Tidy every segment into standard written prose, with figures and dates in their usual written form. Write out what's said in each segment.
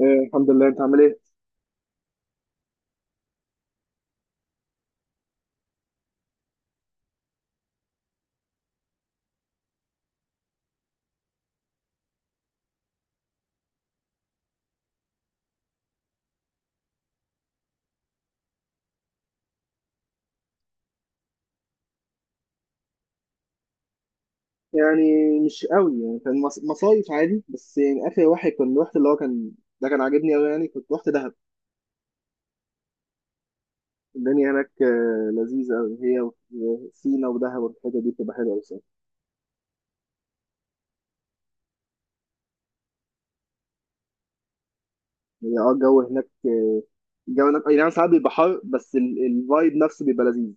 الحمد لله، انت عامل ايه؟ يعني مش قوي، يعني كان مصايف عادي، بس يعني اخر واحد كان رحت اللي هو كان. ده كان عاجبني قوي، يعني كنت رحت دهب. الدنيا هناك لذيذه قوي، هي وسينا ودهب، والحته دي بتبقى حلوه قوي. هي اه الجو هناك، الجو هناك اي نعم ساعات بيبقى حر، بس الفايب نفسه بيبقى لذيذ.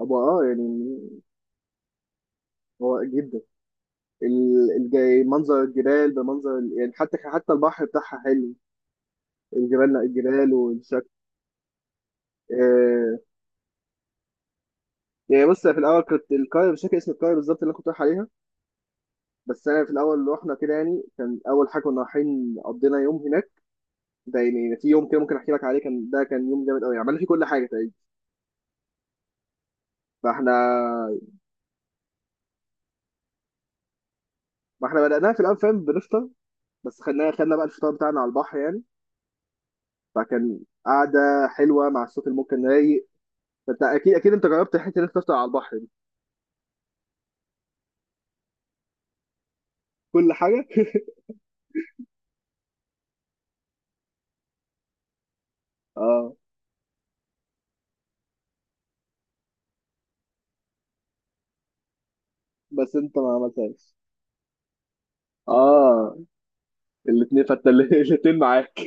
هو اه يعني هو جدا. منظر الجبال، بمنظر يعني حتى البحر بتاعها حلو. الجبال، لا الجبال والشكل. آه، يعني بص، في الاول كنت القريه مش فاكر اسم القريه بالظبط اللي انا كنت رايح عليها. بس انا في الاول رحنا كده، يعني كان اول حاجه كنا رايحين قضينا يوم هناك. ده يعني في يوم كده ممكن احكي لك عليه، كان ده كان يوم جامد قوي، عملنا فيه كل حاجه تقريبا. فاحنا، ما احنا بدأناها في الاول، فاهم، بنفطر. بس خدنا بقى الفطار بتاعنا على البحر يعني. فكان قعده حلوه مع الصوت الممكن رايق. فانت اكيد انت جربت حته انك تفطر على البحر دي. كل حاجه. اه، بس انت ما عملتهاش. اه، الاثنين، فانت الاثنين معاك.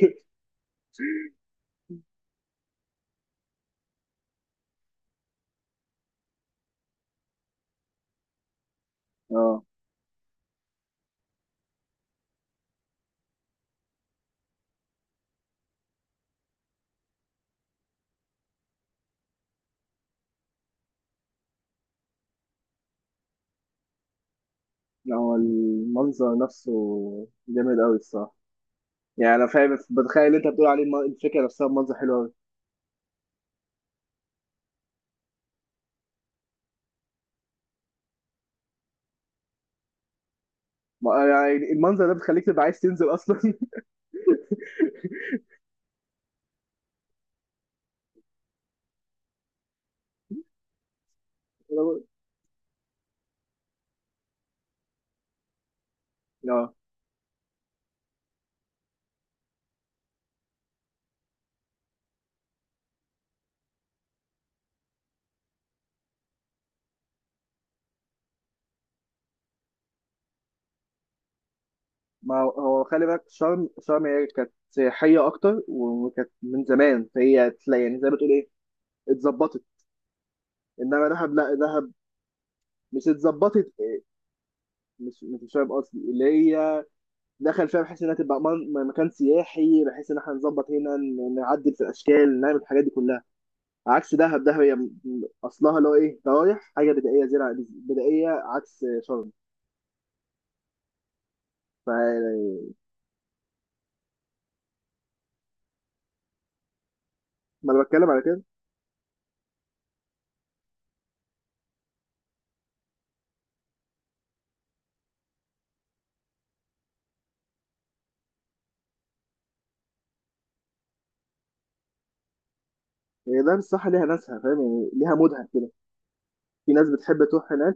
اه لا، هو المنظر نفسه جامد قوي الصراحه. يعني انا فاهم، بس بتخيل انت بتقول عليه الفكره نفسها، منظر حلو قوي. ما- يعني المنظر ده بيخليك تبقى عايز تنزل اصلا. اه، ما هو هو خلي بالك، شرم هي كانت سياحيه اكتر وكانت من زمان، فهي تلاقي يعني زي ما تقول ايه، اتظبطت. انما دهب، لا دهب مش اتظبطت. مش فاهم قصدي اللي هي دخل فيها بحيث انها تبقى مكان سياحي، بحيث ان احنا نظبط هنا نعدل في الاشكال، نعمل الحاجات دي كلها، عكس دهب. دهب هي اصلها اللي هو ايه، رايح حاجه بدائيه، زراعه بدائيه، عكس شرم. ف ما انا بتكلم على كده. هي ده الصح، ليها ناسها، فاهم يعني، ليها مودها كده. في ناس بتحب تروح هناك.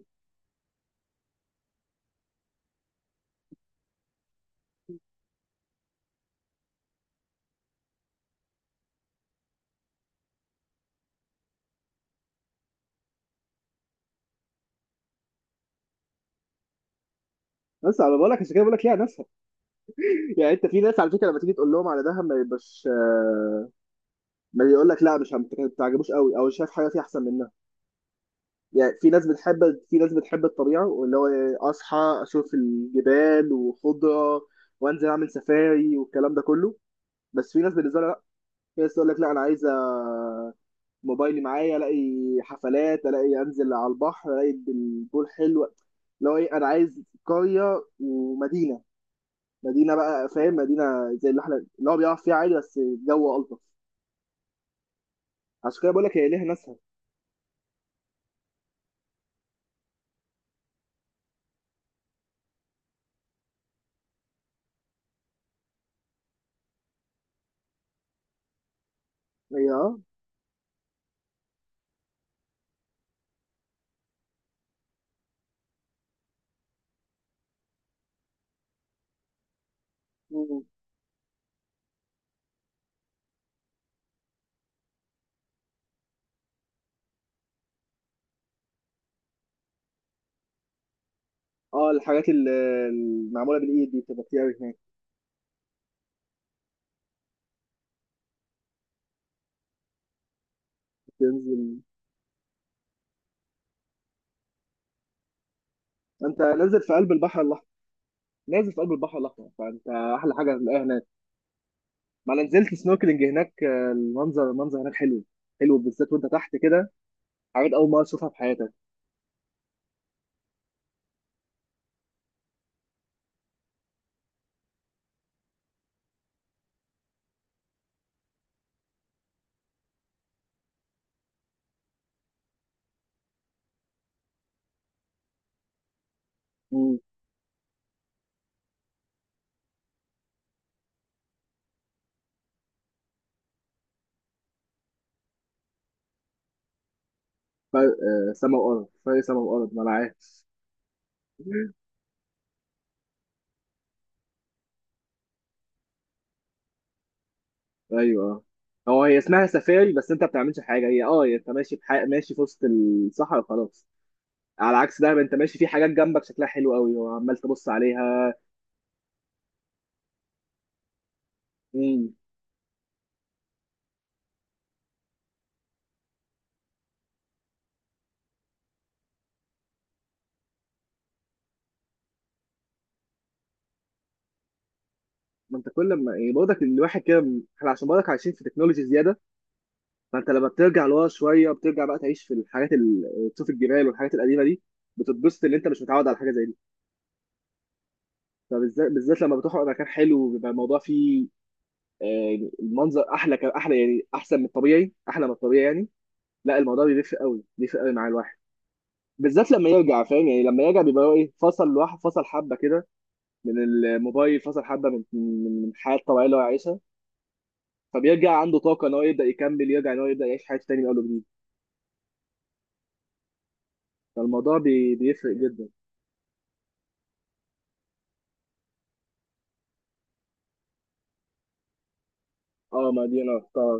بس على بالك، عشان كده بقول لك ليها ناسها. يعني انت، في ناس على فكره لما تيجي تقول لهم على دهب ما يبقاش، ما يقول لك لا مش ما تعجبوش قوي، او شايف حاجه فيها احسن منها. يعني في ناس بتحب، في ناس بتحب الطبيعه، واللي هو إيه، اصحى اشوف الجبال وخضره، وانزل اعمل سفاري والكلام ده كله. بس في ناس بالنسبه لها، في ناس تقول لك لا انا عايزه موبايلي معايا، الاقي حفلات، الاقي انزل على البحر، الاقي البول حلو. لو ايه، انا عايز قريه ومدينه، مدينه بقى فاهم، مدينه زي اللي احنا اللي هو بيعرف فيها عادي، بس الجو الطف. عشان كده بقول لك هي ليها ناسها. هي اه. مم. اه، الحاجات المعموله بالايد دي بتبقى كتير قوي هناك. تنزل، انت نازل في قلب البحر الاحمر، نازل في قلب البحر الاحمر، فانت احلى حاجه هتلاقيها هناك. ما انا نزلت سنوركلينج هناك، المنظر، المنظر هناك حلو، حلو بالذات وانت تحت كده، حاجات اول مره اشوفها في حياتك. مم. فرق، سما وارض، فرق سما وارض، ما انا عارف. ايوه، هو هي اسمها سفاري، بس انت ما بتعملش حاجه، هي اه هي انت ماشي في حي... ماشي في وسط الصحراء خلاص. على عكس ده انت ماشي في حاجات جنبك شكلها حلو قوي وعمال تبص عليها. امم، ما انت كل ما يعني برضك الواحد كده، احنا عشان برضك عايشين في تكنولوجي زياده، فانت لما بترجع لورا شويه بترجع بقى تعيش في الحاجات تشوف الجبال والحاجات القديمه دي، بتتبسط ان انت مش متعود على حاجه زي دي. فبالذات لما بتروح مكان حلو بيبقى الموضوع فيه، يعني المنظر احلى احلى، يعني احسن من الطبيعي، احلى من الطبيعي يعني. لا الموضوع بيفرق قوي، بيفرق قوي مع الواحد، بالذات لما يرجع، فاهم يعني، لما يرجع بيبقى هو ايه، فصل لوحده، فصل حبه كده من الموبايل، فصل حبه من الحياه الطبيعيه اللي هو عايشها. فبيرجع عنده طاقه ان هو يبدا يكمل، يرجع ان هو يبدا يعيش حياته تاني من اول وجديد. فالموضوع بيفرق جدا. اه ما دي انا رحتها.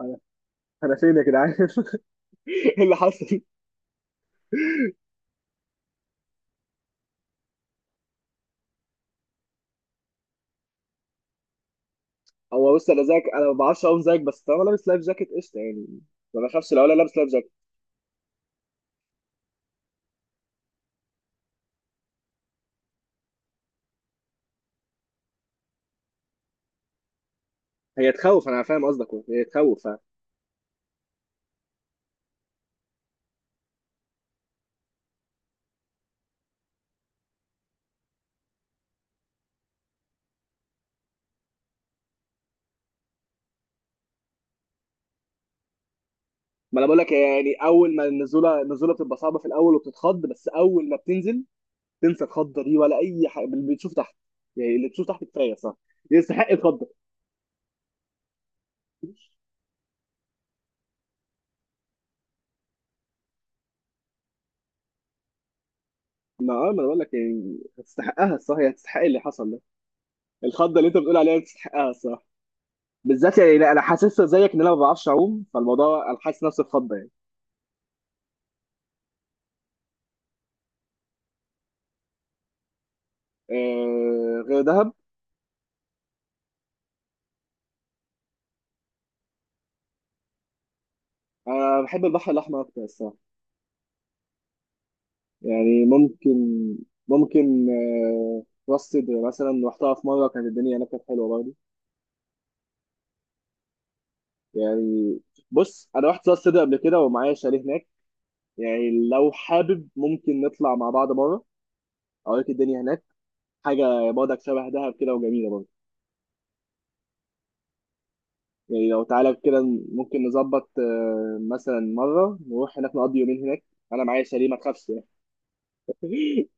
انا أنا فين يا جدعان؟ ايه اللي حصل؟ هو بص، انا زيك انا ما بعرفش اقوم زيك، بس طالما لابس لايف جاكيت قشطه يعني، ما بخافش لو انا لابس لايف جاكيت. هي تخوف، انا فاهم قصدك، هي تخوف فاهم. ما انا بقول لك، يعني اول ما النزوله، النزوله بتبقى صعبه في الاول وبتتخض، بس اول ما بتنزل تنسى الخضه دي ولا اي حاجه اللي بتشوف تحت. يعني اللي بتشوف تحت كفايه صح، يستحق الخضه. ما اه، ما انا بقول لك يعني هتستحقها الصح، هي هتستحق اللي حصل ده. الخضه اللي انت بتقول عليها تستحقها الصح. بالذات يعني لا، انا حاسسها زيك ان انا ما بعرفش اعوم، فالموضوع انا حاسس نفسي اتخض يعني. آه غير دهب، انا بحب البحر الاحمر اكتر الصراحه. يعني ممكن، ممكن آه راس سدر مثلا رحتها في مره، كانت الدنيا هناك كانت حلوه برضه. يعني بص، انا رحت راس سدر قبل كده ومعايا شاليه هناك. يعني لو حابب ممكن نطلع مع بعض مره، اوريك الدنيا هناك، حاجه برضك شبه دهب كده وجميله برضه. يعني لو تعالى كده، ممكن نظبط مثلا مرة نروح هناك نقضي يومين هناك. أنا معايا شاليه، ما تخافش يعني.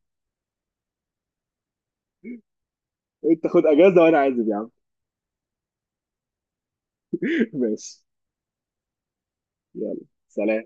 أنت خد أجازة وأنا عازم يا عم. ماشي. يلا، سلام.